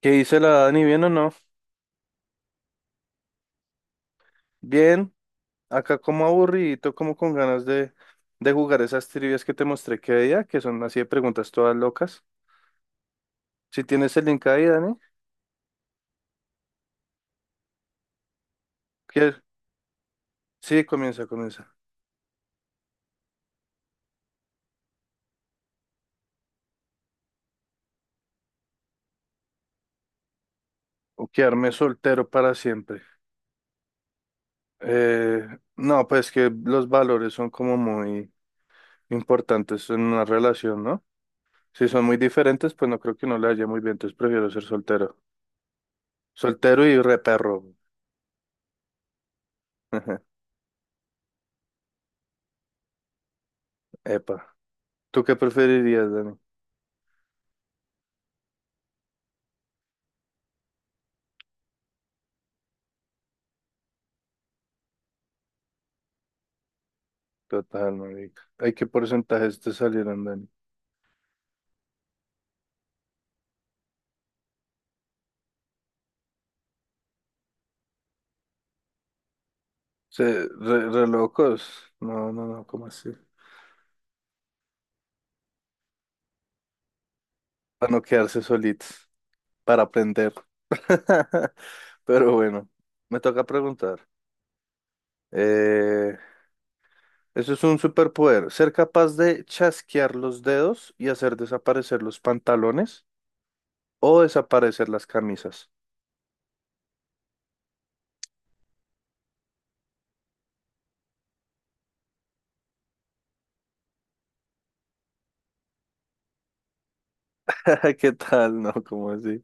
¿Qué dice la Dani? ¿Bien o no? Bien, acá como aburridito, como con ganas de jugar esas trivias que te mostré que día, que son así de preguntas todas locas. Si tienes el link ahí, Dani, que sí, comienza, comienza. O quedarme soltero para siempre. Eh, no, pues que los valores son como muy importantes en una relación, ¿no? Si son muy diferentes, pues no creo que no le haya muy bien, entonces prefiero ser soltero. Soltero y re perro. Epa. ¿Tú qué preferirías, Dani? Total, marica. Hay qué porcentajes te salieron, Dani. Se, re locos. No, no, no, ¿cómo así? Para no quedarse solitos, para aprender. Pero bueno, me toca preguntar. Eh, eso es un superpoder. ¿Ser capaz de chasquear los dedos y hacer desaparecer los pantalones o desaparecer las camisas? ¿Qué tal? No, ¿cómo así?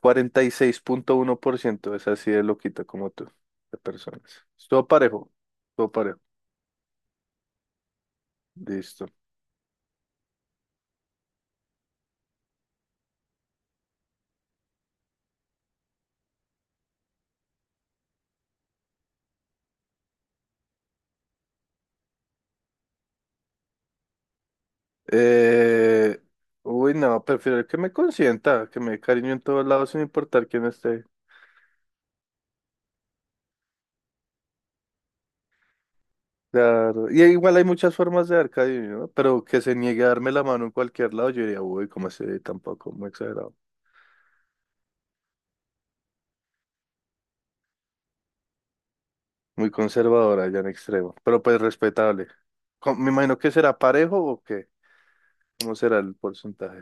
46,1%. Es así de loquito como tú, de personas. Estuvo parejo, estuvo parejo. Listo. Eh, uy, no, prefiero que me consienta, que me dé cariño en todos lados sin importar quién esté. Claro. Y igual hay muchas formas de dar cariño, ¿no? Pero que se niegue a darme la mano en cualquier lado, yo diría, uy, como así tampoco, muy exagerado. Muy conservadora ya en extremo, pero pues respetable. Me imagino que será parejo o qué, ¿cómo será el porcentaje?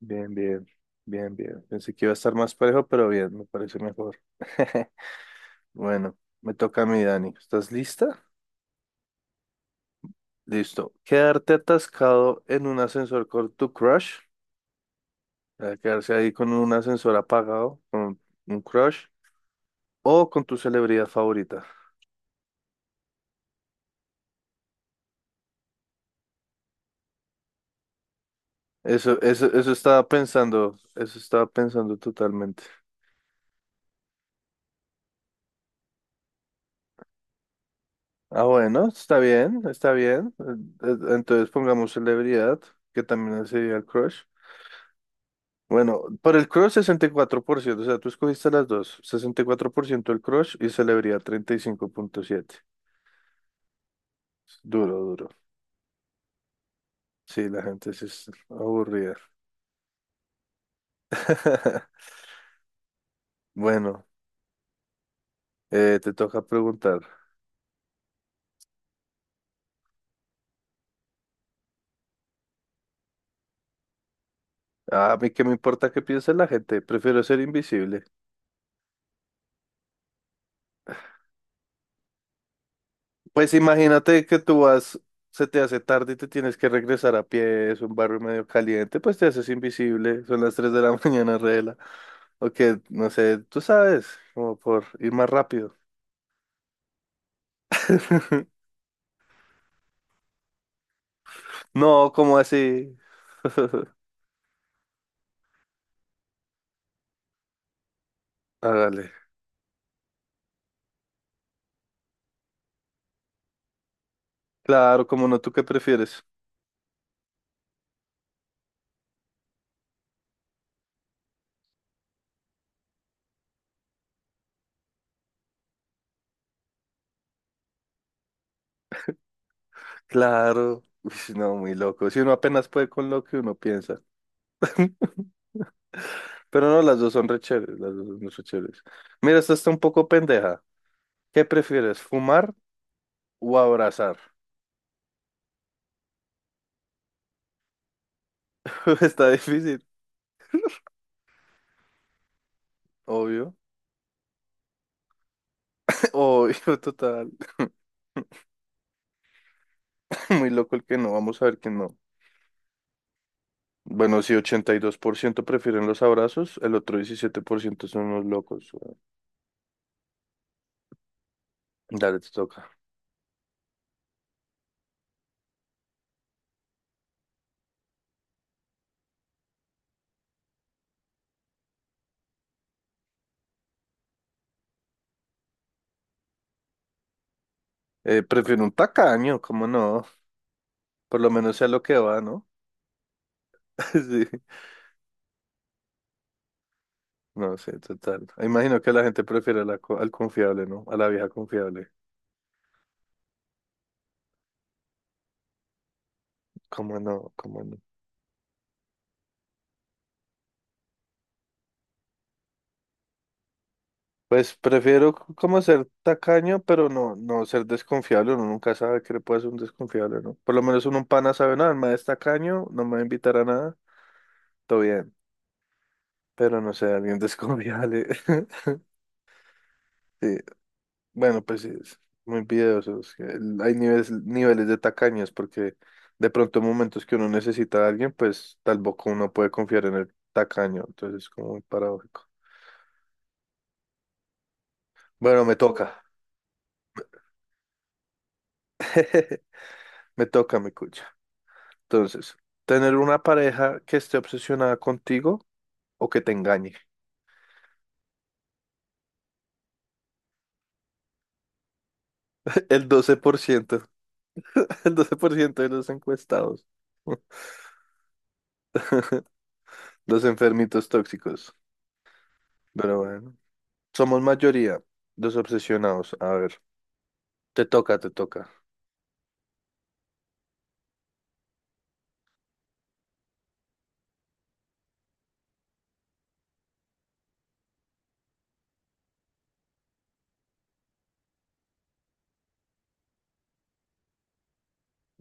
Bien, bien, bien, bien. Pensé que iba a estar más parejo, pero bien, me parece mejor. Bueno, me toca a mí, Dani. ¿Estás lista? Listo. Quedarte atascado en un ascensor con tu crush, o sea, quedarse ahí con un ascensor apagado, con un crush, o con tu celebridad favorita. Eso, eso estaba pensando totalmente. Ah, bueno, está bien, está bien. Entonces pongamos celebridad, que también sería el crush. Bueno, por el crush 64%, o sea, tú escogiste las dos, 64% el crush y celebridad 35,7. Duro, duro. Sí, la gente sí es aburrida. Bueno, te toca preguntar. A mí qué me importa qué piense la gente, prefiero ser invisible. Pues imagínate que tú vas, se te hace tarde y te tienes que regresar a pie, es un barrio medio caliente, pues te haces invisible, son las 3 de la mañana, regla. O que, no sé, tú sabes, como por ir más rápido. No, como así? Hágale. Claro, como no, ¿tú qué prefieres? Claro, uy, no, muy loco. Si uno apenas puede con lo que uno piensa. Pero no, las dos son re chéveres, las dos son re chéveres. Mira, esta está un poco pendeja. ¿Qué prefieres, fumar o abrazar? Está difícil, obvio. Obvio, total. Muy loco el que no, vamos a ver que no. Bueno, sí, ciento prefieren los abrazos, el otro 17% son los locos, güey. Dale, te toca. Prefiero un tacaño, ¿cómo no? Por lo menos sea lo que va, ¿no? Sí. No sé, total. Imagino que la gente prefiere al confiable, ¿no? A la vieja confiable. ¿Cómo no? ¿Cómo no? Pues prefiero como ser tacaño, pero no, no ser desconfiable. Uno nunca sabe que le puede ser un desconfiable, ¿no? Por lo menos uno un pana sabe, nada el mae es tacaño, no me va a invitar a nada, todo bien. Pero no sé, alguien desconfiable. Sí, bueno, pues sí, es muy piadosos. Hay niveles, niveles de tacaños porque de pronto en momentos que uno necesita a alguien, pues tampoco uno puede confiar en el tacaño. Entonces es como muy paradójico. Bueno, me toca, me toca, mi cucha. Entonces, tener una pareja que esté obsesionada contigo o que te engañe. El 12% el 12% de los encuestados, los enfermitos tóxicos. Pero bueno, somos mayoría, los obsesionados. A ver, te toca, te toca.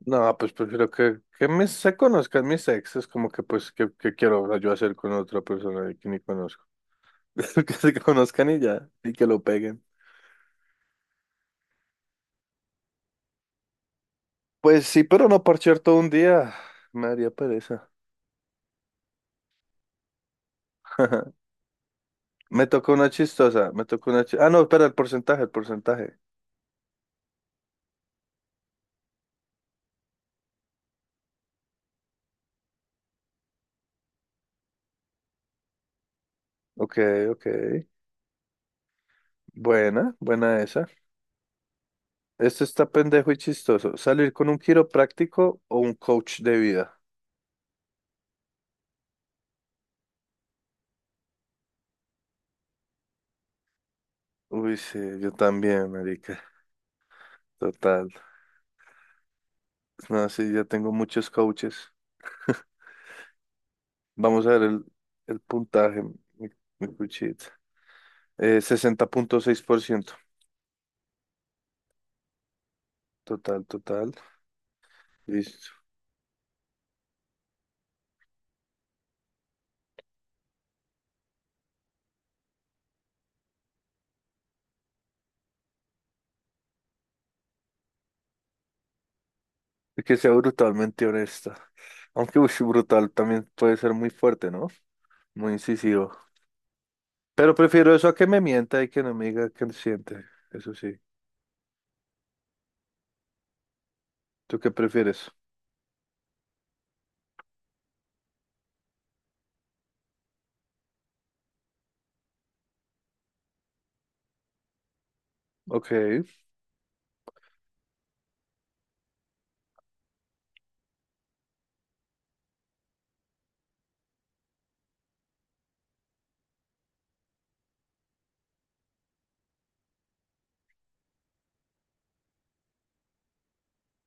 No, pues prefiero que se conozcan mis exes, como que pues, que quiero yo hacer con otra persona que ni conozco. Que se conozcan y ya, y que lo peguen. Pues sí, pero no parchear todo un día, me daría pereza. Me tocó una chistosa, me tocó una chistosa. Ah, no, espera, el porcentaje, el porcentaje. Ok, ok. Buena, buena esa. Este está pendejo y chistoso. ¿Salir con un quiropráctico o un coach de vida? Uy, sí, yo también, marica. Total. No, sí, ya tengo muchos coaches. Vamos a ver el puntaje, mi cuchita. 60,6%. Total, total. Listo. Y que sea brutalmente honesta. Aunque uy, sí, brutal también puede ser muy fuerte, ¿no? Muy incisivo. Pero prefiero eso a que me mienta y que no me diga qué siente. Eso sí. ¿Tú qué prefieres? Ok.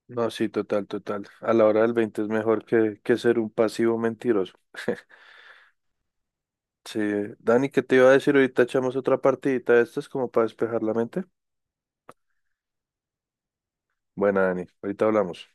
No, sí, total, total. A la hora del 20 es mejor que, ser un pasivo mentiroso. Sí, Dani, ¿qué te iba a decir? Ahorita echamos otra partidita de estas como para despejar la mente. Buena, Dani, ahorita hablamos.